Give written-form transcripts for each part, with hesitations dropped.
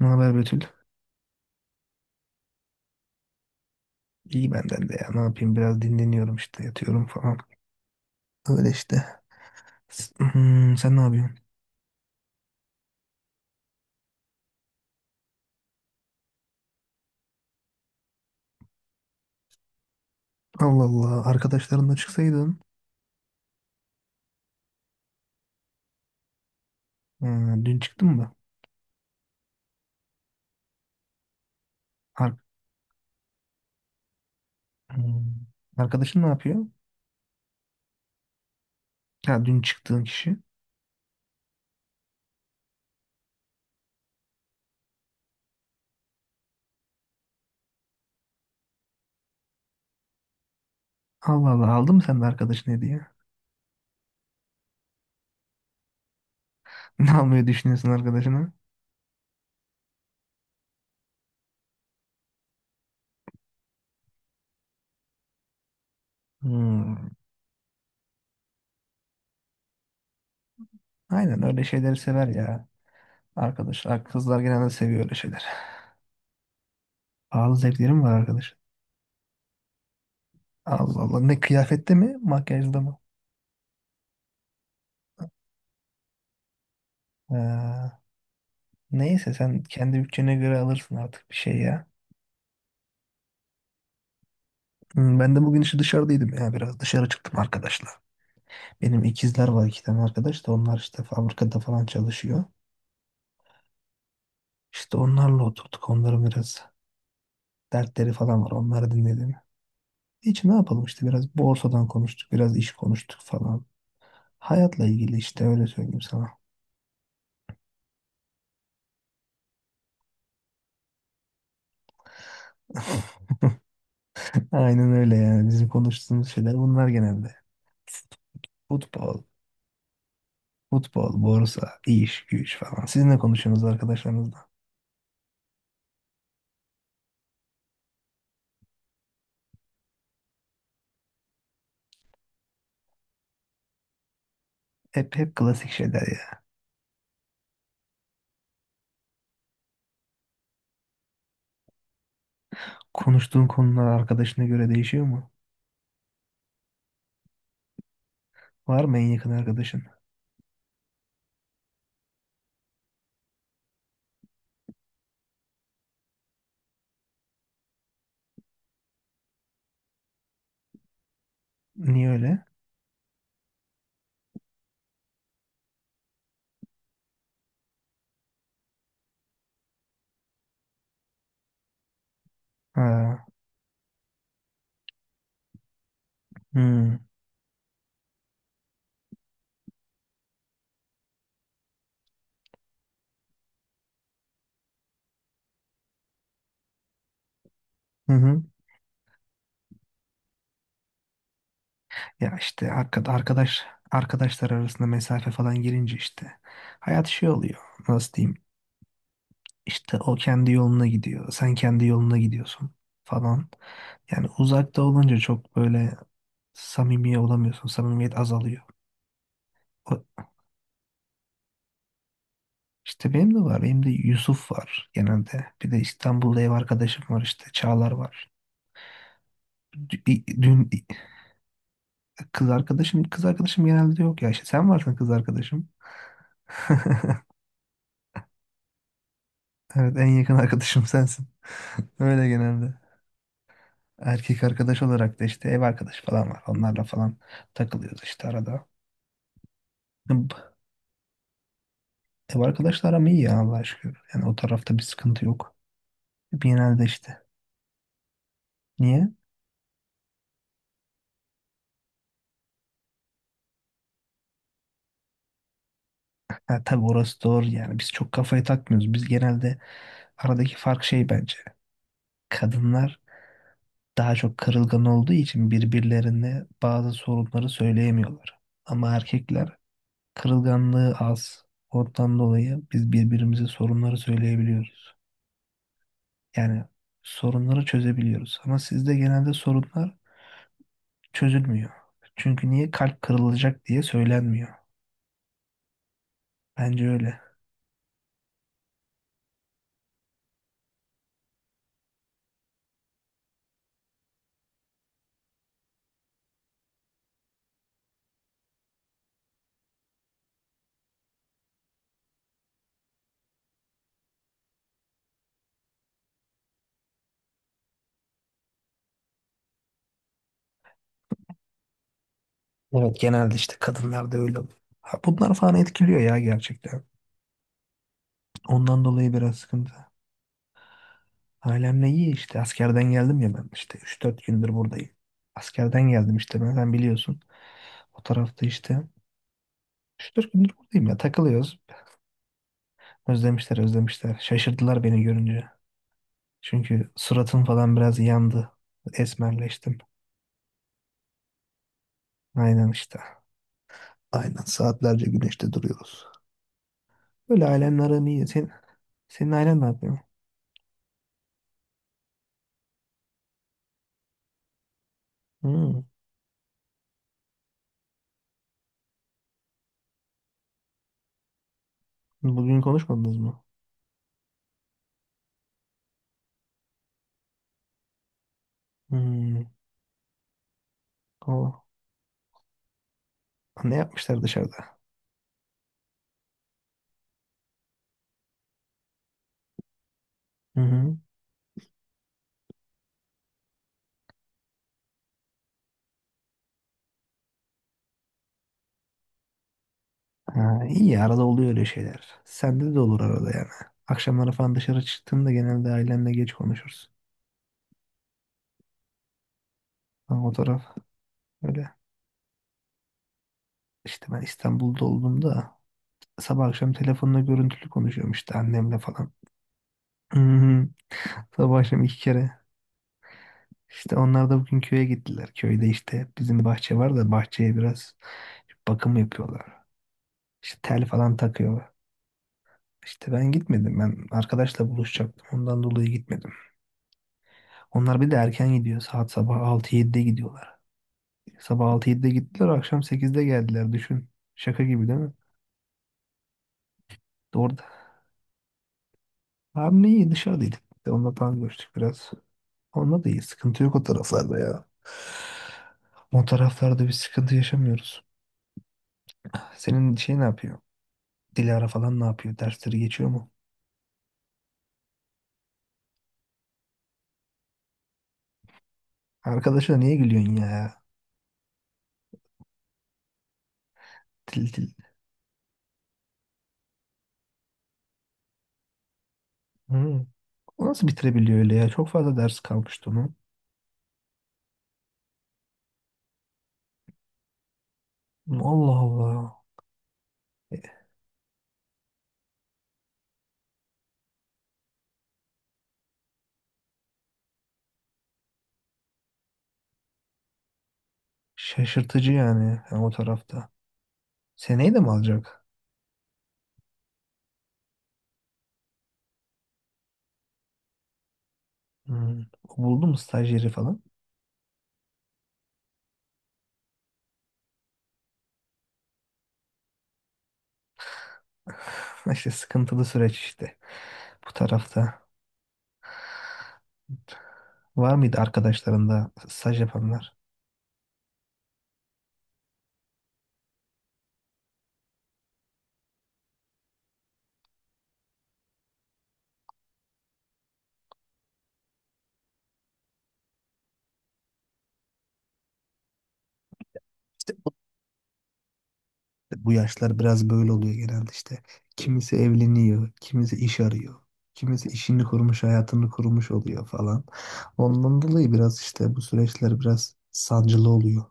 Ne haber, Betül? İyi benden de ya. Ne yapayım? Biraz dinleniyorum işte. Yatıyorum falan. Öyle işte. Sen ne yapıyorsun? Allah Allah. Arkadaşlarınla çıksaydın. Ha, dün çıktın mı? Ar Hmm. Arkadaşın ne yapıyor? Ya, dün çıktığın kişi. Allah Allah. Aldın mı sen de arkadaşın hediye? Ne almayı düşünüyorsun arkadaşına? Hmm. Aynen, öyle şeyleri sever ya. Arkadaş. Kızlar genelde seviyor öyle şeyler. Pahalı zevklerim var arkadaş. Allah Allah. Ne, kıyafette mi? Makyajda mı? Ha. Neyse, sen kendi bütçene göre alırsın artık bir şey ya. Ben de bugün işte dışarıdaydım ya, biraz dışarı çıktım arkadaşla. Benim ikizler var, iki tane arkadaş da onlar işte fabrikada falan çalışıyor. İşte onlarla oturduk, onların biraz dertleri falan var, onları dinledim. Hiç, ne yapalım işte, biraz borsadan konuştuk, biraz iş konuştuk falan. Hayatla ilgili işte, öyle söyleyeyim sana. Aynen öyle yani, bizim konuştuğumuz şeyler bunlar genelde. Futbol, futbol, borsa, iş, güç falan. Siz ne konuşuyorsunuz arkadaşlarınızla? Hep klasik şeyler ya. Konuştuğun konular arkadaşına göre değişiyor mu? Var mı en yakın arkadaşın? Niye öyle? Ha. Hmm, hı hı. Ya işte arkadaşlar arasında mesafe falan girince işte hayat şey oluyor. Nasıl diyeyim? İşte o kendi yoluna gidiyor. Sen kendi yoluna gidiyorsun falan. Yani uzakta olunca çok böyle samimi olamıyorsun. Samimiyet azalıyor. O, işte benim de var. Benim de Yusuf var genelde. Bir de İstanbul'da ev arkadaşım var işte. Çağlar var. Dü- dün Kız arkadaşım genelde yok ya, işte sen varsın kız arkadaşım. Evet, en yakın arkadaşım sensin. Öyle genelde. Erkek arkadaş olarak da işte ev arkadaşı falan var. Onlarla falan takılıyoruz işte arada. Ev arkadaşlarım iyi ya, Allah'a şükür. Yani o tarafta bir sıkıntı yok. Genelde işte. Niye? Ha, tabii orası doğru yani. Biz çok kafayı takmıyoruz. Biz genelde aradaki fark şey bence. Kadınlar daha çok kırılgan olduğu için birbirlerine bazı sorunları söyleyemiyorlar. Ama erkekler kırılganlığı az. Ondan dolayı biz birbirimize sorunları söyleyebiliyoruz. Yani sorunları çözebiliyoruz. Ama sizde genelde sorunlar çözülmüyor. Çünkü niye kalp kırılacak diye söylenmiyor. Bence öyle. Evet, genelde işte kadınlarda öyle oluyor. Ha, bunlar falan etkiliyor ya, gerçekten. Ondan dolayı biraz sıkıntı. Ailemle iyi, işte askerden geldim ya ben, işte 3-4 gündür buradayım. Askerden geldim işte ben, sen biliyorsun. O tarafta işte 3-4 gündür buradayım ya, takılıyoruz. Özlemişler, özlemişler. Şaşırdılar beni görünce. Çünkü suratım falan biraz yandı. Esmerleştim. Aynen işte. Aynen, saatlerce güneşte duruyoruz. Böyle ailemle aram iyi. Senin ailen ne yapıyor? Hmm. Bugün konuşmadınız mı? Hmm. O, ne yapmışlar dışarıda? Hı hı. Ha, iyi ya, arada oluyor öyle şeyler. Sende de olur arada yani. Akşamları falan dışarı çıktığımda genelde ailemle geç konuşuruz. Ama o taraf öyle. İşte ben İstanbul'da olduğumda sabah akşam telefonla görüntülü konuşuyorum işte annemle falan. Hı hı. Sabah akşam iki kere. İşte onlar da bugün köye gittiler. Köyde işte bizim bahçe var da bahçeye biraz bakım yapıyorlar. İşte tel falan takıyorlar. İşte ben gitmedim. Ben arkadaşla buluşacaktım. Ondan dolayı gitmedim. Onlar bir de erken gidiyor. Saat sabah altı 7de gidiyorlar. Sabah altı 7de gittiler, akşam 8'de geldiler. Düşün. Şaka gibi değil mi? Orada. Abi iyi, dışarıdaydık. Bir de onunla falan görüştük biraz. Onunla da iyi. Sıkıntı yok o taraflarda ya. O taraflarda bir sıkıntı yaşamıyoruz. Senin şey ne yapıyor? Dilara falan ne yapıyor? Dersleri geçiyor mu? Arkadaşına niye gülüyorsun ya? Dil dil. Hı. O nasıl bitirebiliyor öyle ya? Çok fazla ders kalmıştı onun. Allah Allah. E, Şaşırtıcı yani, yani o tarafta. Seneyi de mi alacak? Hmm. O buldu mu stajyeri falan? İşte sıkıntılı süreç işte bu tarafta. Var mıydı arkadaşlarında staj yapanlar? İşte bu yaşlar biraz böyle oluyor genelde işte. Kimisi evleniyor, kimisi iş arıyor. Kimisi işini kurmuş, hayatını kurmuş oluyor falan. Ondan dolayı biraz işte bu süreçler biraz sancılı oluyor.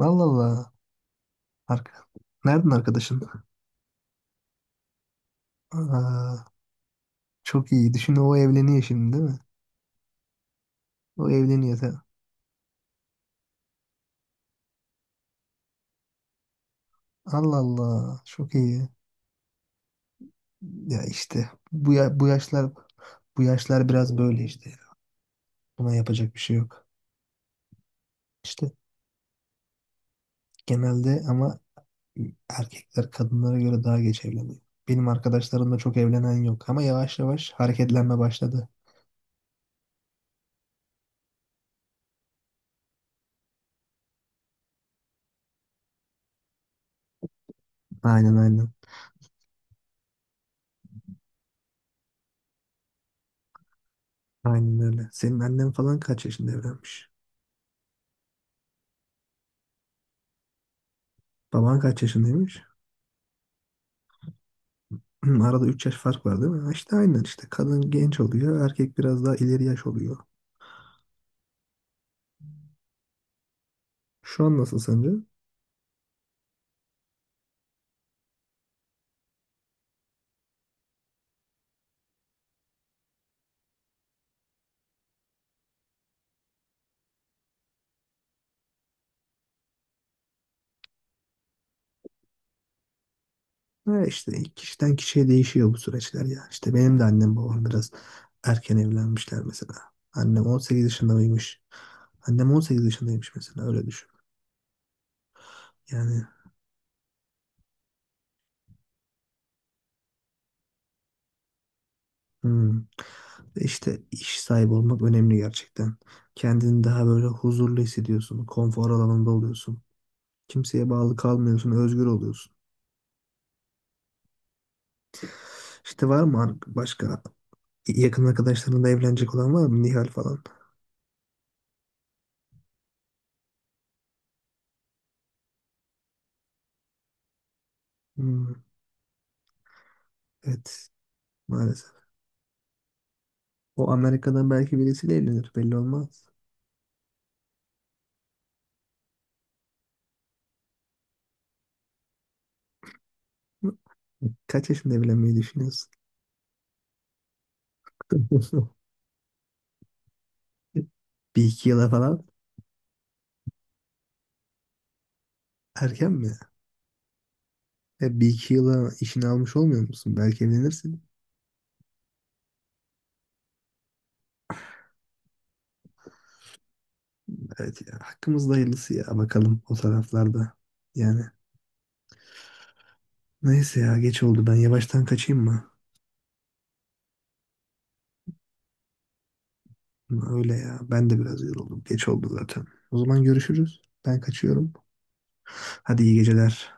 Allah Allah. Arka... Nereden arkadaşın? Aa, çok iyi. Düşün, o evleniyor şimdi değil mi? O evleniyor. Allah Allah. Çok iyi. Ya işte bu ya, bu yaşlar biraz böyle işte. Buna yapacak bir şey yok. İşte genelde ama erkekler kadınlara göre daha geç evleniyor. Benim arkadaşlarımda çok evlenen yok ama yavaş yavaş hareketlenme başladı. Aynen, aynen. Aynen öyle. Senin annen falan kaç yaşında evlenmiş? Baban kaç yaşındaymış? Arada 3 yaş fark var değil mi? Ha, İşte aynen işte. Kadın genç oluyor, erkek biraz daha ileri yaş oluyor. Şu an nasıl sence? Öyle işte, kişiden kişiye değişiyor bu süreçler ya. İşte benim de annem babam biraz erken evlenmişler mesela. Annem 18 yaşındaymış. Annem 18 yaşındaymış mesela, öyle düşün. Yani hmm, işte iş sahibi olmak önemli gerçekten. Kendini daha böyle huzurlu hissediyorsun. Konfor alanında oluyorsun. Kimseye bağlı kalmıyorsun. Özgür oluyorsun. İşte var mı başka yakın arkadaşlarında evlenecek olan var mı? Nihal falan. Hmm, evet, maalesef. O Amerika'dan belki birisiyle evlenir, belli olmaz. Kaç yaşında evlenmeyi düşünüyorsun? 1-2 yıla falan. Erken mi? 1-2 yıla işini almış olmuyor musun? Belki evlenirsin. Evet ya, hakkımızda hayırlısı ya, bakalım o taraflarda. Yani neyse ya, geç oldu, ben yavaştan kaçayım mı? Öyle ya, ben de biraz yoruldum, geç oldu zaten. O zaman görüşürüz. Ben kaçıyorum. Hadi iyi geceler.